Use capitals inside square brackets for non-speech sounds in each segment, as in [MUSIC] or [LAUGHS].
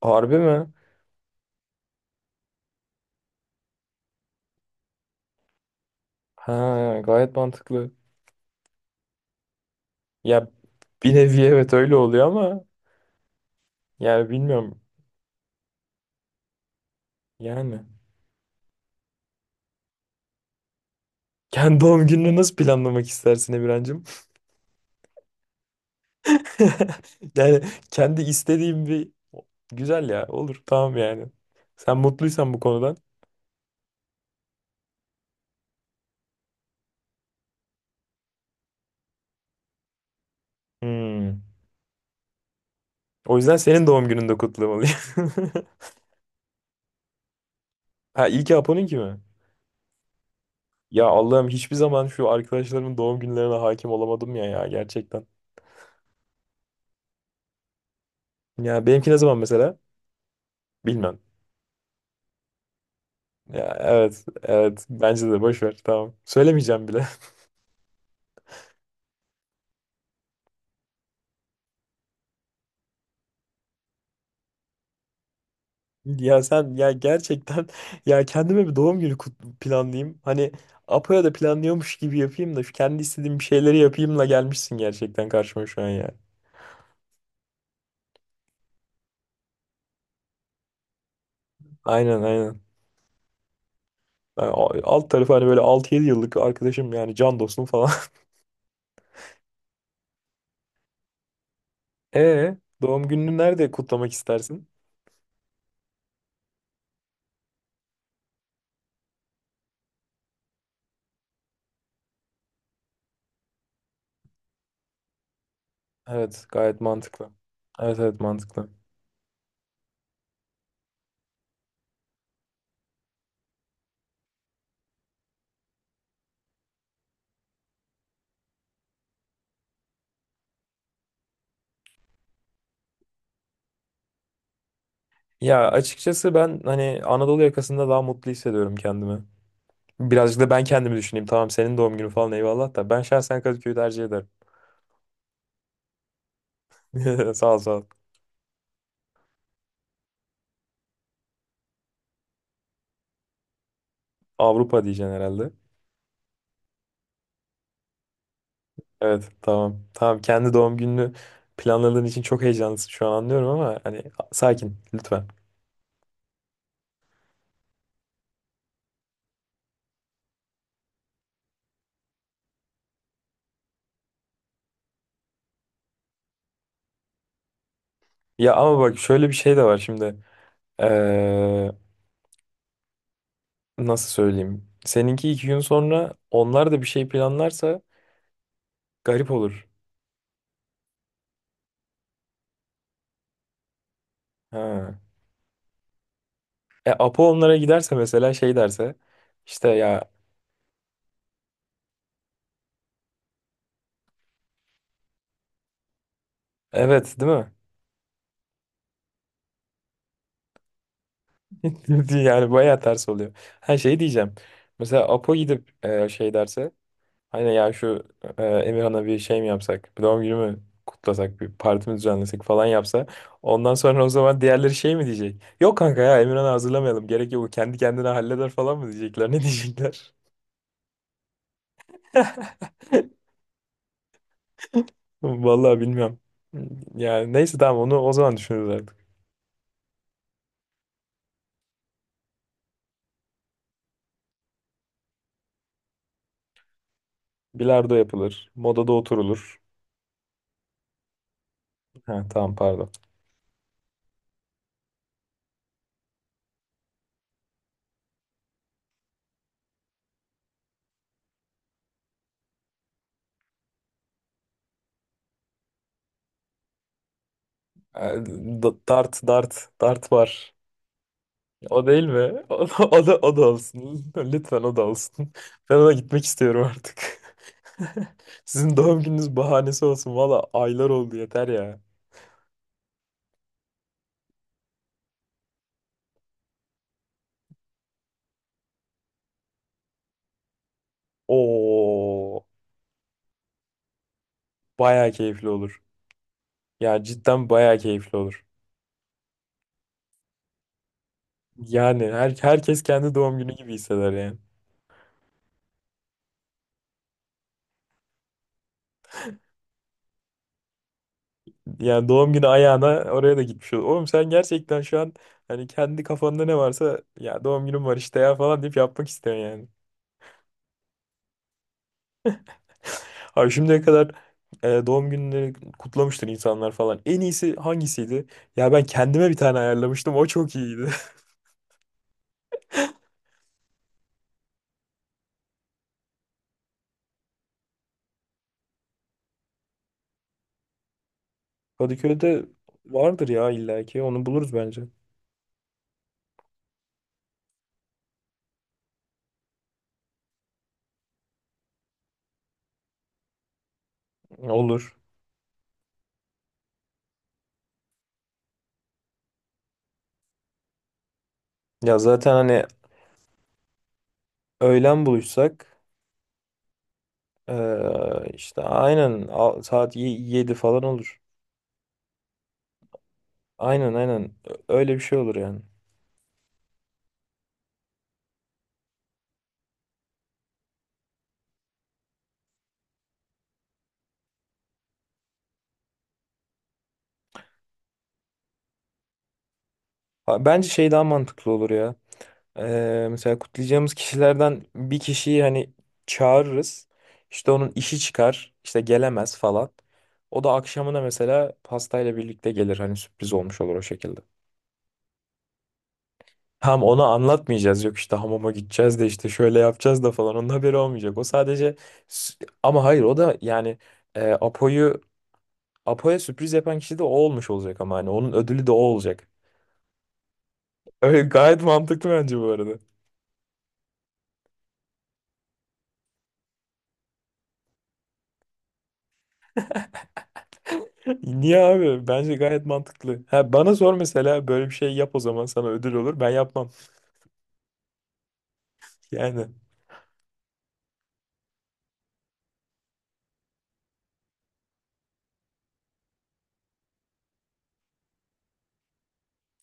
Harbi mi? Ha, gayet mantıklı. Ya bir nevi evet öyle oluyor ama yani bilmiyorum. Yani kendi doğum gününü nasıl planlamak istersin Emirhancığım? [LAUGHS] Yani kendi istediğim bir güzel ya olur tamam yani. Sen mutluysan bu konudan. Hmm. O yüzden senin doğum gününde kutlamalıyım. [LAUGHS] Ha iyi ki Apo'nunki mi? Ya Allah'ım hiçbir zaman şu arkadaşlarımın doğum günlerine hakim olamadım ya ya gerçekten. Ya benimki ne zaman mesela? Bilmem. Ya evet, evet. Bence de boş ver. Tamam. Söylemeyeceğim bile. [LAUGHS] Ya sen ya gerçekten ya kendime bir doğum günü planlayayım. Hani Apo'ya da planlıyormuş gibi yapayım da şu kendi istediğim bir şeyleri yapayımla gelmişsin gerçekten karşıma şu an ya. Aynen aynen. Yani alt tarafı hani böyle 6 7 yıllık arkadaşım yani can dostum falan. [LAUGHS] E doğum gününü nerede kutlamak istersin? Evet, gayet mantıklı. Evet evet mantıklı. Ya açıkçası ben hani Anadolu yakasında daha mutlu hissediyorum kendimi. Birazcık da ben kendimi düşüneyim. Tamam senin doğum günü falan eyvallah da. Ben şahsen Kadıköy'ü tercih ederim. [LAUGHS] Sağ ol sağ ol. Avrupa diyeceksin herhalde. Evet tamam. Tamam kendi doğum gününü planladığın için çok heyecanlısın şu an anlıyorum ama hani sakin lütfen. Ya ama bak şöyle bir şey de var şimdi. Ee, Nasıl söyleyeyim? Seninki 2 gün sonra onlar da bir şey planlarsa garip olur. Ha. E Apo onlara giderse mesela şey derse işte ya evet değil mi? [LAUGHS] Yani bayağı ters oluyor. Her şey diyeceğim. Mesela Apo gidip şey derse hani ya şu Emirhan'a bir şey mi yapsak? Bir doğum günü mü kutlasak? Bir parti mi düzenlesek falan yapsa. Ondan sonra o zaman diğerleri şey mi diyecek? Yok kanka ya Emirhan'ı hazırlamayalım. Gerek yok. O kendi kendine halleder falan mı diyecekler? [LAUGHS] Ne diyecekler? [LAUGHS] Vallahi bilmiyorum. Yani neyse tamam onu o zaman düşünürüz artık. Bilardo yapılır. Modada oturulur. Ha, tamam pardon. E, Dart, dart var. O değil mi? O da o da olsun. [LAUGHS] Lütfen o da olsun. Ben ona gitmek istiyorum artık. [LAUGHS] Sizin doğum gününüz bahanesi olsun. Valla aylar oldu yeter ya. Oo, baya keyifli olur. Ya cidden baya keyifli olur. Yani herkes kendi doğum günü gibi hisseder yani. Yani doğum günü ayağına oraya da gitmiş olur. Oğlum sen gerçekten şu an hani kendi kafanda ne varsa ya doğum günüm var işte ya falan deyip yapmak istiyorsun yani. Abi şimdiye kadar doğum günleri kutlamıştır insanlar falan. En iyisi hangisiydi? Ya ben kendime bir tane ayarlamıştım. O çok iyiydi. [LAUGHS] Kadıköy'de vardır ya illaki. Onu buluruz bence. Olur. Ya zaten hani öğlen buluşsak e, işte aynen saat 7 falan olur. Aynen aynen. Öyle bir şey olur yani. Ha, bence şey daha mantıklı olur ya. Mesela kutlayacağımız kişilerden bir kişiyi hani çağırırız. İşte onun işi çıkar, işte gelemez falan. O da akşamına mesela pastayla birlikte gelir hani sürpriz olmuş olur o şekilde. Tam ona anlatmayacağız yok işte hamama gideceğiz de işte şöyle yapacağız da falan onun haberi olmayacak. O sadece s- ama hayır o da yani e, Apo'yu Apo'ya sürpriz yapan kişi de o olmuş olacak ama hani onun ödülü de o olacak. Öyle gayet mantıklı bence bu arada. Niye abi? Bence gayet mantıklı. Ha, bana sor mesela böyle bir şey yap o zaman sana ödül olur. Ben yapmam. Yani.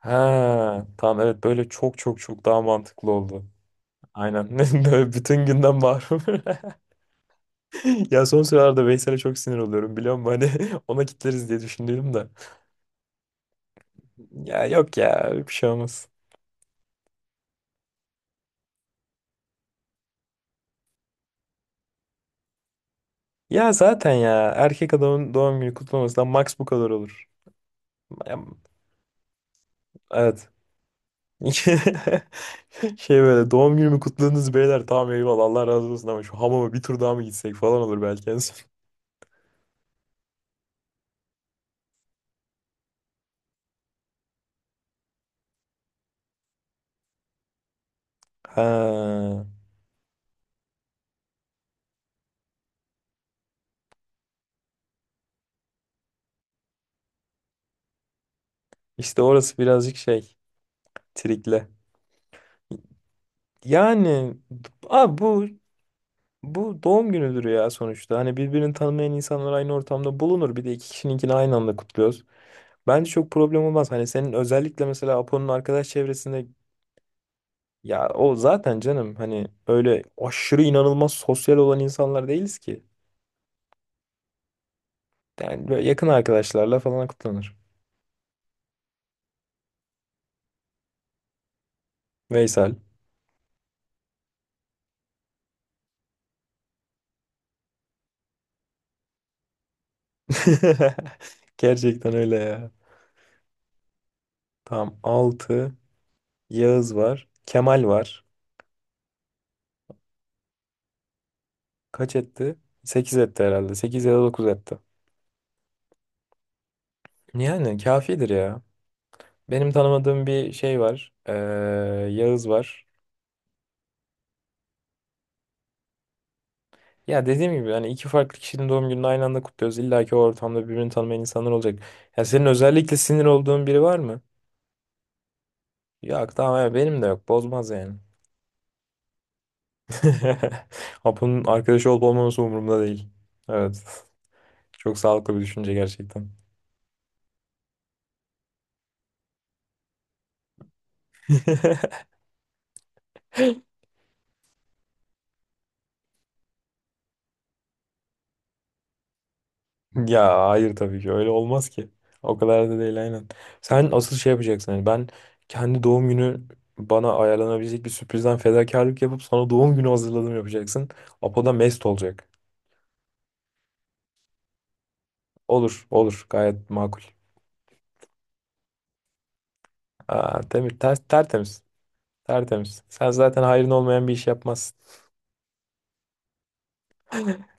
Ha, tamam evet böyle çok çok çok daha mantıklı oldu. Aynen. [LAUGHS] Böyle bütün günden mahrum. [LAUGHS] Ya son sıralarda Veysel'e çok sinir oluyorum biliyor musun? Hani [LAUGHS] ona kitleriz diye düşündüm de. Ya yok ya bir şey olmaz. Ya zaten ya erkek adamın doğum günü kutlamasından max bu kadar olur. Ya, evet. [LAUGHS] Şey böyle doğum günümü kutladınız beyler tamam eyvallah Allah razı olsun ama şu hamama bir tur daha mı gitsek falan olur belki en son. [LAUGHS] Ha, işte orası birazcık şey trikle. Yani abi bu doğum günüdür ya sonuçta. Hani birbirini tanımayan insanlar aynı ortamda bulunur. Bir de iki kişininkini aynı anda kutluyoruz. Bence çok problem olmaz. Hani senin özellikle mesela Apo'nun arkadaş çevresinde ya o zaten canım hani öyle aşırı inanılmaz sosyal olan insanlar değiliz ki. Yani böyle yakın arkadaşlarla falan kutlanır. Veysel. [LAUGHS] Gerçekten öyle ya. Tamam 6 Yağız var. Kemal var. Kaç etti? 8 etti herhalde. 8 ya da 9 etti. Yani kafidir ya. Benim tanımadığım bir şey var. Yağız var. Ya dediğim gibi hani iki farklı kişinin doğum gününü aynı anda kutluyoruz. İlla ki o ortamda birbirini tanımayan insanlar olacak. Ya senin özellikle sinir olduğun biri var mı? Yok tamam ya benim de yok. Bozmaz yani. [LAUGHS] Apo'nun arkadaşı olup olmaması umurumda değil. Evet. Çok sağlıklı bir düşünce gerçekten. [LAUGHS] Ya hayır tabii ki öyle olmaz ki. O kadar da değil aynen. Sen asıl şey yapacaksın. Yani ben kendi doğum günü bana ayarlanabilecek bir sürprizden fedakarlık yapıp sana doğum günü hazırladım yapacaksın. Apo da mest olacak. Olur olur gayet makul. Aa, tertemiz. Tertemiz. Sen zaten hayrın olmayan bir iş yapmazsın.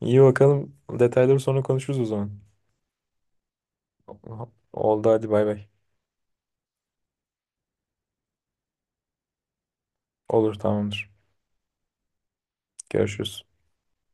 İyi bakalım. Detayları sonra konuşuruz o zaman. Oldu hadi bay bay. Olur tamamdır. Görüşürüz.